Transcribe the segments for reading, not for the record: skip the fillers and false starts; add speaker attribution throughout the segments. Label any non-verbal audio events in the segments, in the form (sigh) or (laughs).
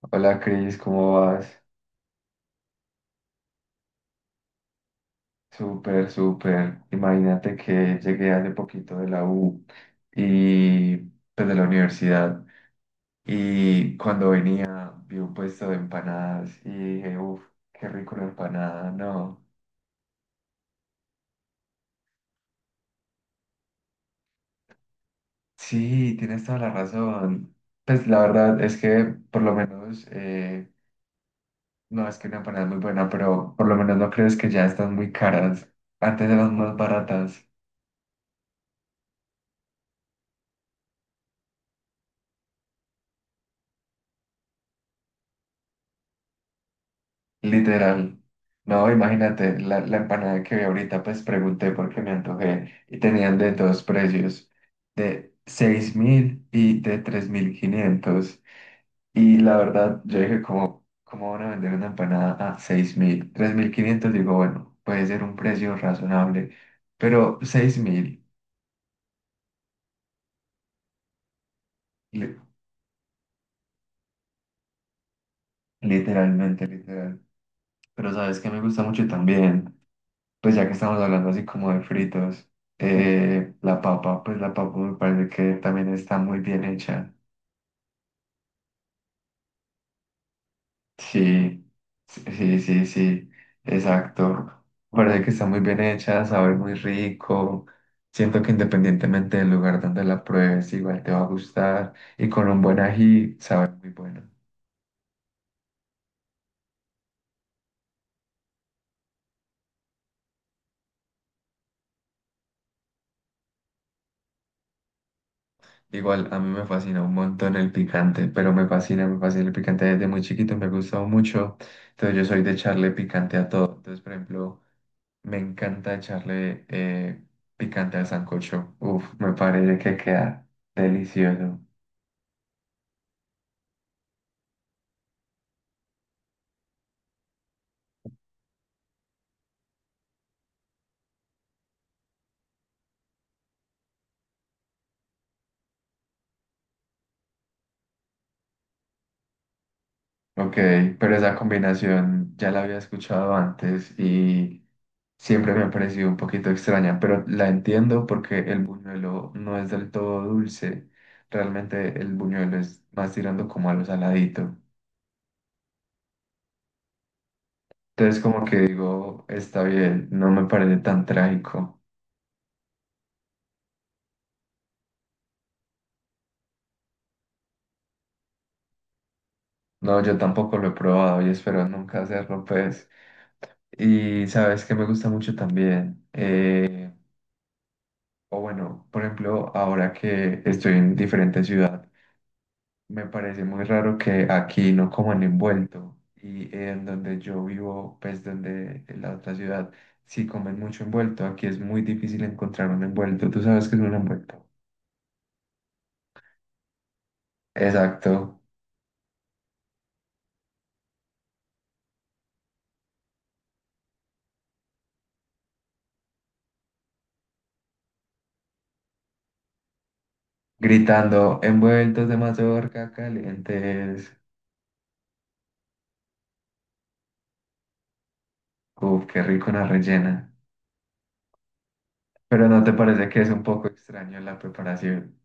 Speaker 1: Hola Cris, ¿cómo vas? Súper, súper. Imagínate que llegué hace poquito de la U y pues de la universidad, y cuando venía vi un puesto de empanadas y dije, uff, qué rico la empanada, no. Sí, tienes toda la razón. Pues la verdad es que por lo menos, no es que una empanada es muy buena, pero por lo menos no crees que ya están muy caras. Antes eran más baratas. Literal. No, imagínate, la empanada que vi ahorita, pues pregunté porque me antojé y tenían de dos precios, de 6.000 y de 3.500. Y la verdad, yo dije, ¿cómo, cómo van a vender una empanada a 6.000, 3.500 Digo, bueno, puede ser un precio razonable, pero 6.000, li- literalmente, literal. Pero sabes que me gusta mucho también. Pues ya que estamos hablando así como de fritos, la papa, pues la papa me parece que también está muy bien hecha. Sí, sí, sí, sí, exacto. Me parece que está muy bien hecha, sabe muy rico. Siento que independientemente del lugar donde la pruebes, igual te va a gustar. Y con un buen ají, sabe muy bueno. Igual a mí me fascina un montón el picante, pero me fascina el picante desde muy chiquito, me ha gustado mucho. Entonces yo soy de echarle picante a todo. Entonces, por ejemplo, me encanta echarle picante al sancocho. Uf, me parece que queda delicioso. Ok, pero esa combinación ya la había escuchado antes, y siempre me ha parecido un poquito extraña, pero la entiendo porque el buñuelo no es del todo dulce. Realmente el buñuelo es más tirando como a lo saladito. Entonces como que digo, está bien, no me parece tan trágico. No, yo tampoco lo he probado y espero nunca hacerlo, pues. Y sabes que me gusta mucho también, o bueno, por ejemplo, ahora que estoy en diferente ciudad, me parece muy raro que aquí no coman envuelto. Y en donde yo vivo, pues donde en la otra ciudad, sí comen mucho envuelto. Aquí es muy difícil encontrar un envuelto. ¿Tú sabes qué es un envuelto? Exacto. Gritando, envueltos de mazorca, calientes. Uf, qué rico una rellena. Pero ¿no te parece que es un poco extraño la preparación?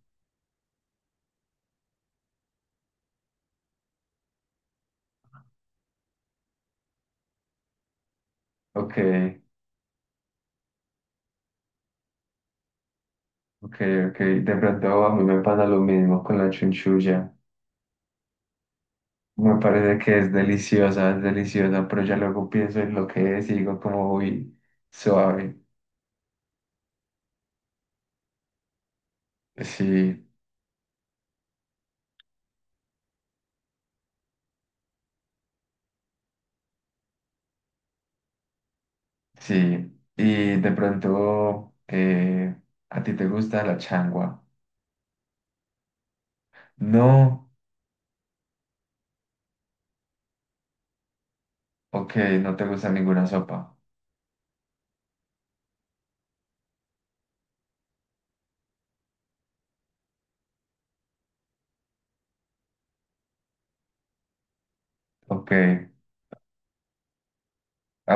Speaker 1: Ok. Ok, ok, de pronto a mí me pasa lo mismo con la chunchulla. Me parece que es deliciosa, pero ya luego pienso en lo que es y digo como, uy, suave. Sí, sí. Y de pronto, ¿a ti te gusta la changua? No, ok, no te gusta ninguna sopa. Ok, a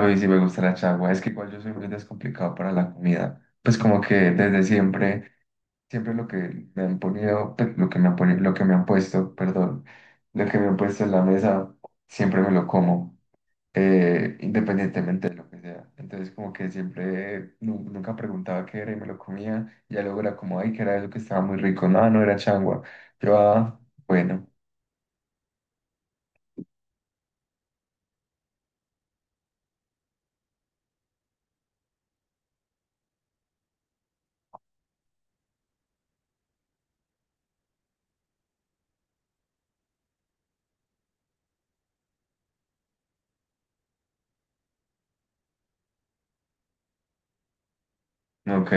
Speaker 1: mí sí me gusta la changua. Es que igual yo soy muy descomplicado para la comida. Pues como que desde siempre lo que me han ponido, pe- lo que me han poni- lo que me han puesto, perdón, lo que me han puesto en la mesa, siempre me lo como, independientemente de lo que sea. Entonces como que siempre, nunca preguntaba qué era y me lo comía, ya luego era como, ay, que era eso que estaba muy rico, no, no era changua. Yo, ah, bueno, ok.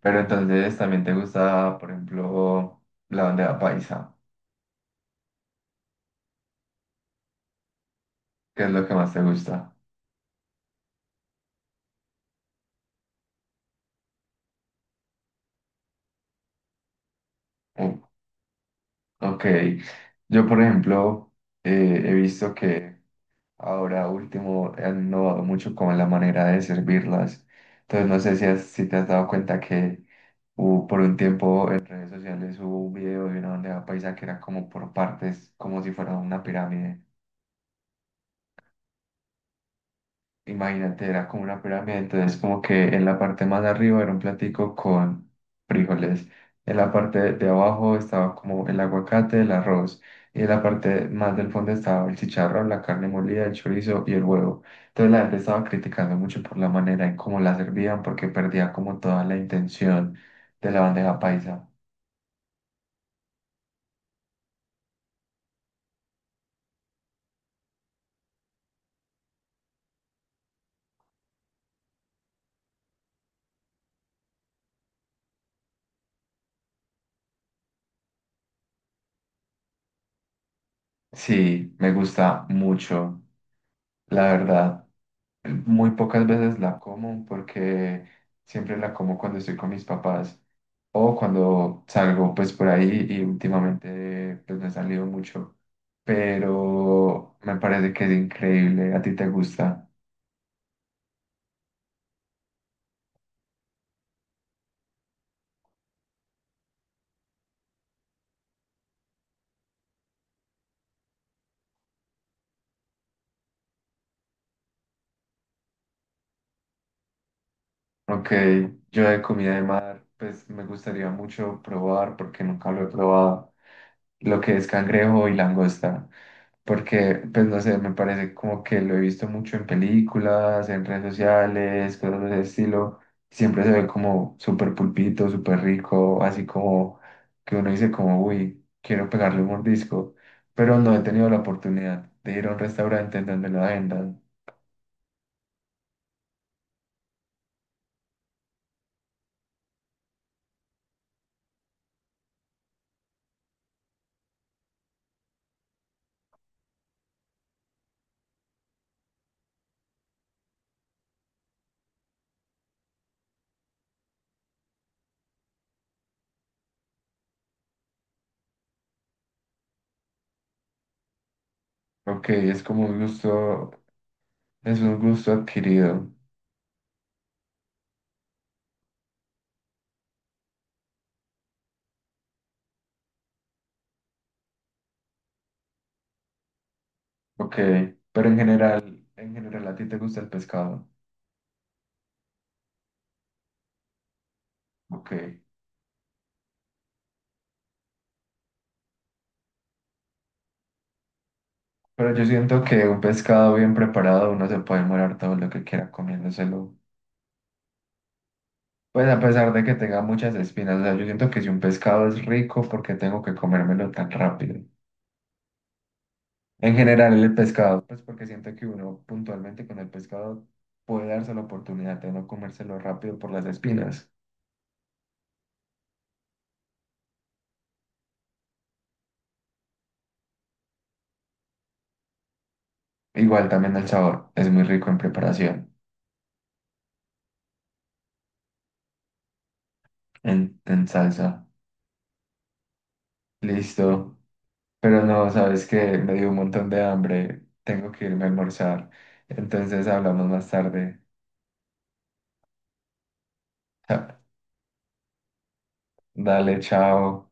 Speaker 1: Pero entonces también te gusta, por ejemplo, la bandeja paisa, ¿qué es lo que más te gusta? Uh, ok, yo por ejemplo, he visto que ahora último, han innovado mucho con la manera de servirlas. Entonces no sé si, si te has dado cuenta que hubo por un tiempo en redes sociales, hubo un video de una bandeja paisa que era como por partes, como si fuera una pirámide. Imagínate, era como una pirámide, entonces como que en la parte más de arriba era un platico con frijoles, en la parte de abajo estaba como el aguacate, el arroz, y en la parte más del fondo estaba el chicharrón, la carne molida, el chorizo y el huevo. Entonces la gente estaba criticando mucho por la manera en cómo la servían porque perdía como toda la intención de la bandeja paisa. Sí, me gusta mucho, la verdad. Muy pocas veces la como porque siempre la como cuando estoy con mis papás o cuando salgo pues por ahí, y últimamente pues no he salido mucho, pero me parece que es increíble, ¿a ti te gusta? Ok, yo de comida de mar pues me gustaría mucho probar porque nunca lo he probado, lo que es cangrejo y langosta, porque, pues no sé, me parece como que lo he visto mucho en películas, en redes sociales, cosas de ese estilo, siempre se ve como súper pulpito, súper rico, así como que uno dice como, uy, quiero pegarle un mordisco, pero no he tenido la oportunidad de ir a un restaurante en donde lo vendan. Ok, es como un gusto, es un gusto adquirido. Ok, pero en general a ti te gusta el pescado. Ok. Pero yo siento que un pescado bien preparado uno se puede morar todo lo que quiera comiéndoselo. Pues a pesar de que tenga muchas espinas, o sea, yo siento que si un pescado es rico, ¿por qué tengo que comérmelo tan rápido? En general el pescado, pues porque siento que uno puntualmente con el pescado puede darse la oportunidad de no comérselo rápido por las espinas. Igual también el sabor, es muy rico en preparación, en salsa. Listo. Pero no, sabes que me dio un montón de hambre. Tengo que irme a almorzar. Entonces hablamos más tarde. (laughs) Dale, chao.